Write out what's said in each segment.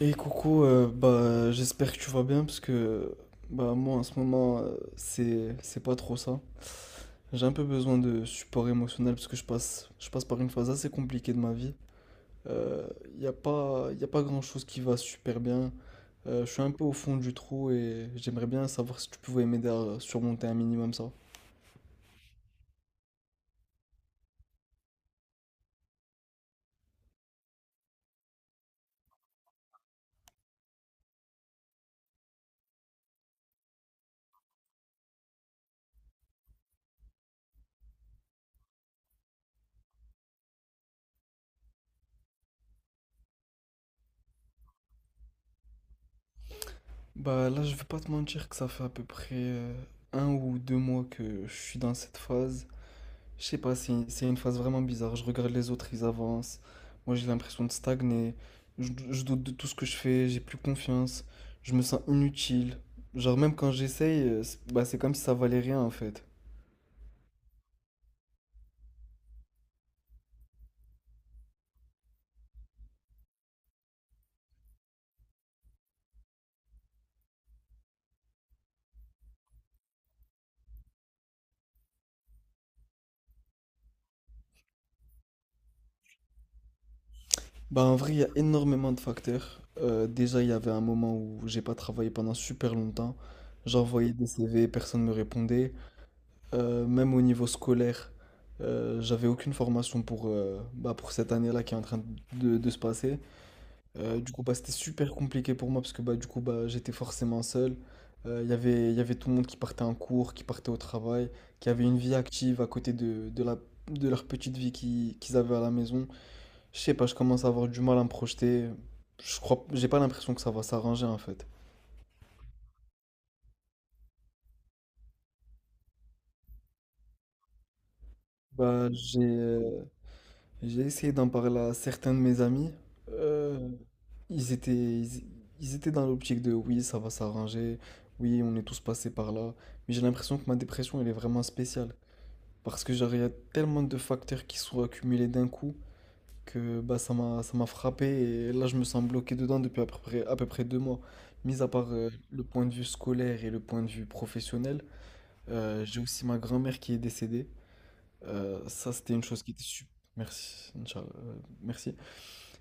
Et coucou, bah j'espère que tu vas bien, parce que bah moi en ce moment, c'est pas trop ça. J'ai un peu besoin de support émotionnel parce que je passe par une phase assez compliquée de ma vie. Euh, y a pas grand-chose qui va super bien. Je suis un peu au fond du trou et j'aimerais bien savoir si tu pouvais m'aider à surmonter un minimum ça. Bah là, je vais pas te mentir que ça fait à peu près, un ou deux mois que je suis dans cette phase. Je sais pas, c'est une phase vraiment bizarre. Je regarde les autres, ils avancent. Moi, j'ai l'impression de stagner. Je doute de tout ce que je fais, j'ai plus confiance. Je me sens inutile. Genre, même quand j'essaye, c'est bah, c'est comme si ça valait rien en fait. Bah, en vrai, il y a énormément de facteurs. Déjà, il y avait un moment où j'ai pas travaillé pendant super longtemps. J'envoyais des CV, personne ne me répondait. Même au niveau scolaire, j'avais aucune formation pour, bah, pour cette année-là qui est en train de se passer. Du coup, bah, c'était super compliqué pour moi parce que bah, du coup, bah, j'étais forcément seul. Il y avait tout le monde qui partait en cours, qui partait au travail, qui avait une vie active à côté de la, de leur petite vie qu'ils avaient à la maison. Je sais pas, je commence à avoir du mal à me projeter. Je crois, j'ai pas l'impression que ça va s'arranger en fait. Bah, j'ai essayé d'en parler à certains de mes amis. Euh, Ils étaient, ils, ils étaient dans l'optique de oui, ça va s'arranger, oui, on est tous passés par là. Mais j'ai l'impression que ma dépression, elle est vraiment spéciale. Parce que genre, il y a tellement de facteurs qui sont accumulés d'un coup que bah, ça m'a frappé et là, je me sens bloqué dedans depuis à peu près deux mois. Mis à part le point de vue scolaire et le point de vue professionnel, j'ai aussi ma grand-mère qui est décédée. Ça, c'était une chose qui était super. Merci, Inch'Allah. Merci.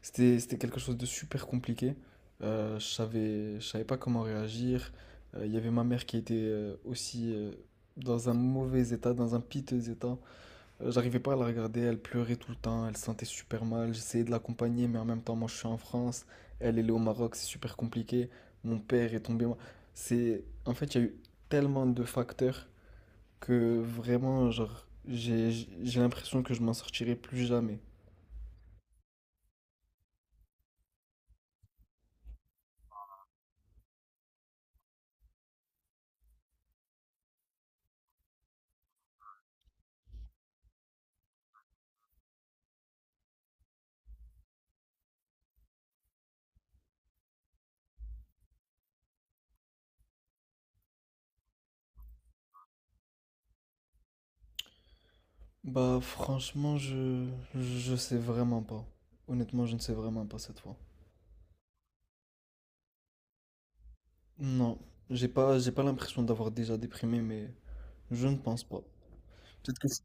C'était quelque chose de super compliqué. Je savais pas comment réagir. Il y avait ma mère qui était aussi dans un mauvais état, dans un piteux état. J'arrivais pas à la regarder, elle pleurait tout le temps, elle se sentait super mal. J'essayais de l'accompagner, mais en même temps, moi je suis en France, elle, elle est au Maroc, c'est super compliqué. Mon père est tombé mal. C'est, en fait, il y a eu tellement de facteurs que vraiment, genre, j'ai l'impression que je m'en sortirai plus jamais. Bah franchement, je sais vraiment pas. Honnêtement, je ne sais vraiment pas cette fois. Non, j'ai pas l'impression d'avoir déjà déprimé, mais je ne pense pas. Peut-être que c'est-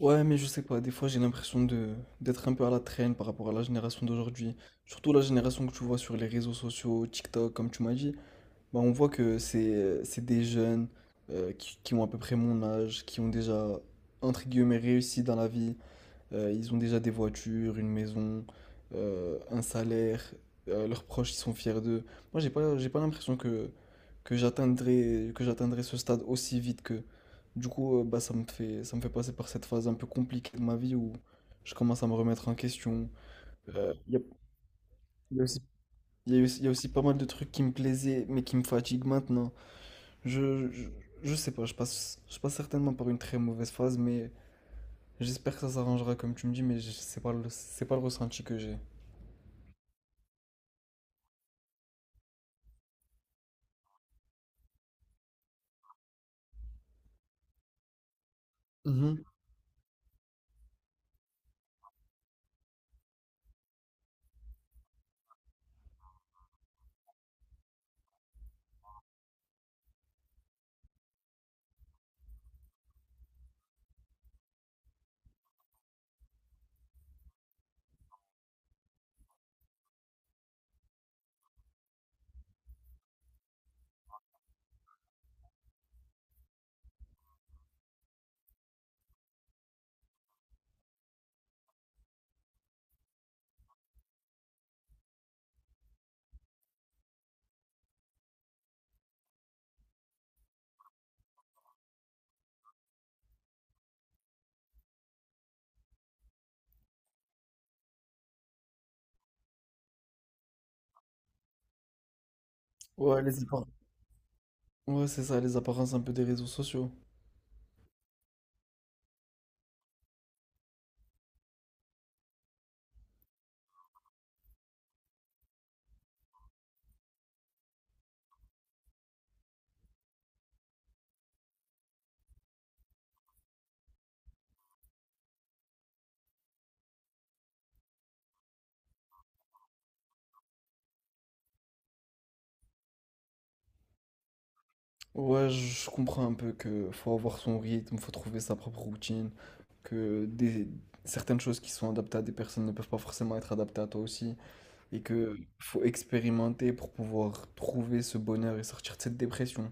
Ouais, mais je sais pas. Des fois, j'ai l'impression de d'être un peu à la traîne par rapport à la génération d'aujourd'hui. Surtout la génération que tu vois sur les réseaux sociaux, TikTok, comme tu m'as dit. Bah on voit que c'est des jeunes, qui ont à peu près mon âge, qui ont déjà entre guillemets réussi dans la vie. Ils ont déjà des voitures, une maison, un salaire. Euh, leurs proches, ils sont fiers d'eux. Moi, j'ai pas l'impression que, que j'atteindrai ce stade aussi vite que. Du coup, bah, ça me fait passer par cette phase un peu compliquée de ma vie où je commence à me remettre en question. Euh, Il y a, il y a aussi, il y a aussi- il y a aussi pas mal de trucs qui me plaisaient, mais qui me fatiguent maintenant. Je, je, je sais pas, je passe certainement par une très mauvaise phase, mais j'espère que ça s'arrangera comme tu me dis, c'est pas c'est pas le ressenti que j'ai. Mhm. Ouais, les appar- ouais, c'est ça, les apparences un peu des réseaux sociaux. Ouais, je comprends un peu que faut avoir son rythme, faut trouver sa propre routine, que des... certaines choses qui sont adaptées à des personnes ne peuvent pas forcément être adaptées à toi aussi, et que faut expérimenter pour pouvoir trouver ce bonheur et sortir de cette dépression.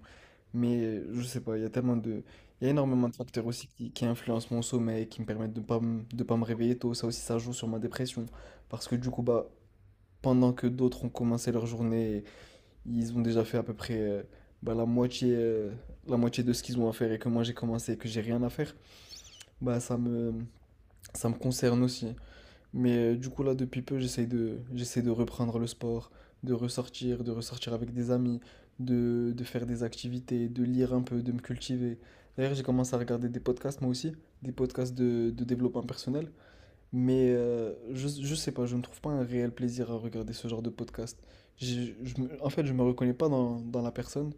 Mais je sais pas, il y a tellement de... Il y a énormément de facteurs aussi qui influencent mon sommeil, qui me permettent de pas de pas me réveiller tôt. Ça aussi, ça joue sur ma dépression. Parce que du coup, bah, pendant que d'autres ont commencé leur journée, ils ont déjà fait à peu près, bah, la moitié de ce qu'ils ont à faire et que moi j'ai commencé et que j'ai rien à faire, bah ça me concerne aussi. Mais du coup là depuis peu j'essaie de reprendre le sport, de ressortir avec des amis, de faire des activités, de lire un peu, de me cultiver. D'ailleurs j'ai commencé à regarder des podcasts moi aussi, des podcasts de développement personnel. Mais je sais pas, je ne trouve pas un réel plaisir à regarder ce genre de podcast. En fait, je me reconnais pas dans la personne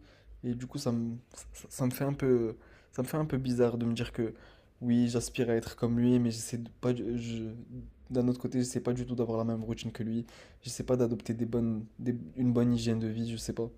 et du coup, ça me fait un peu, ça me fait un peu bizarre de me dire que oui, j'aspire à être comme lui, mais j'essaie de pas, du- je, d'un autre côté, j'essaie pas du tout d'avoir la même routine que lui. J'essaie pas d'adopter des bonnes, des- une bonne hygiène de vie, je sais pas.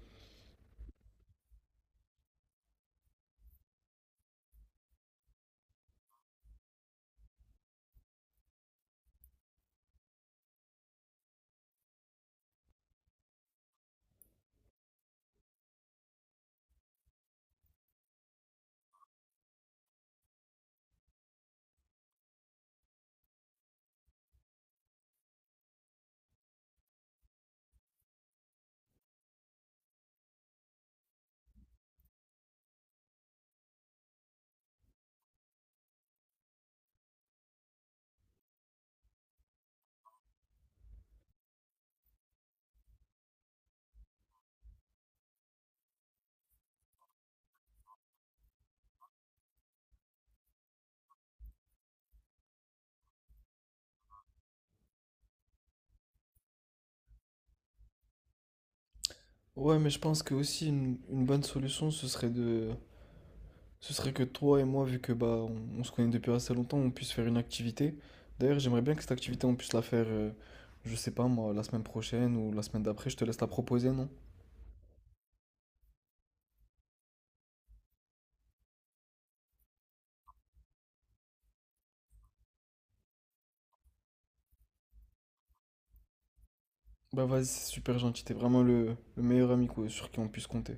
Ouais, mais je pense que aussi une bonne solution, ce serait que toi et moi, vu que bah on se connaît depuis assez longtemps, on puisse faire une activité. D'ailleurs, j'aimerais bien que cette activité, on puisse la faire, je sais pas moi, la semaine prochaine ou la semaine d'après. Je te laisse la proposer, non? Bah vas-y, c'est super gentil. T'es vraiment le meilleur ami quoi, sur qui on puisse compter.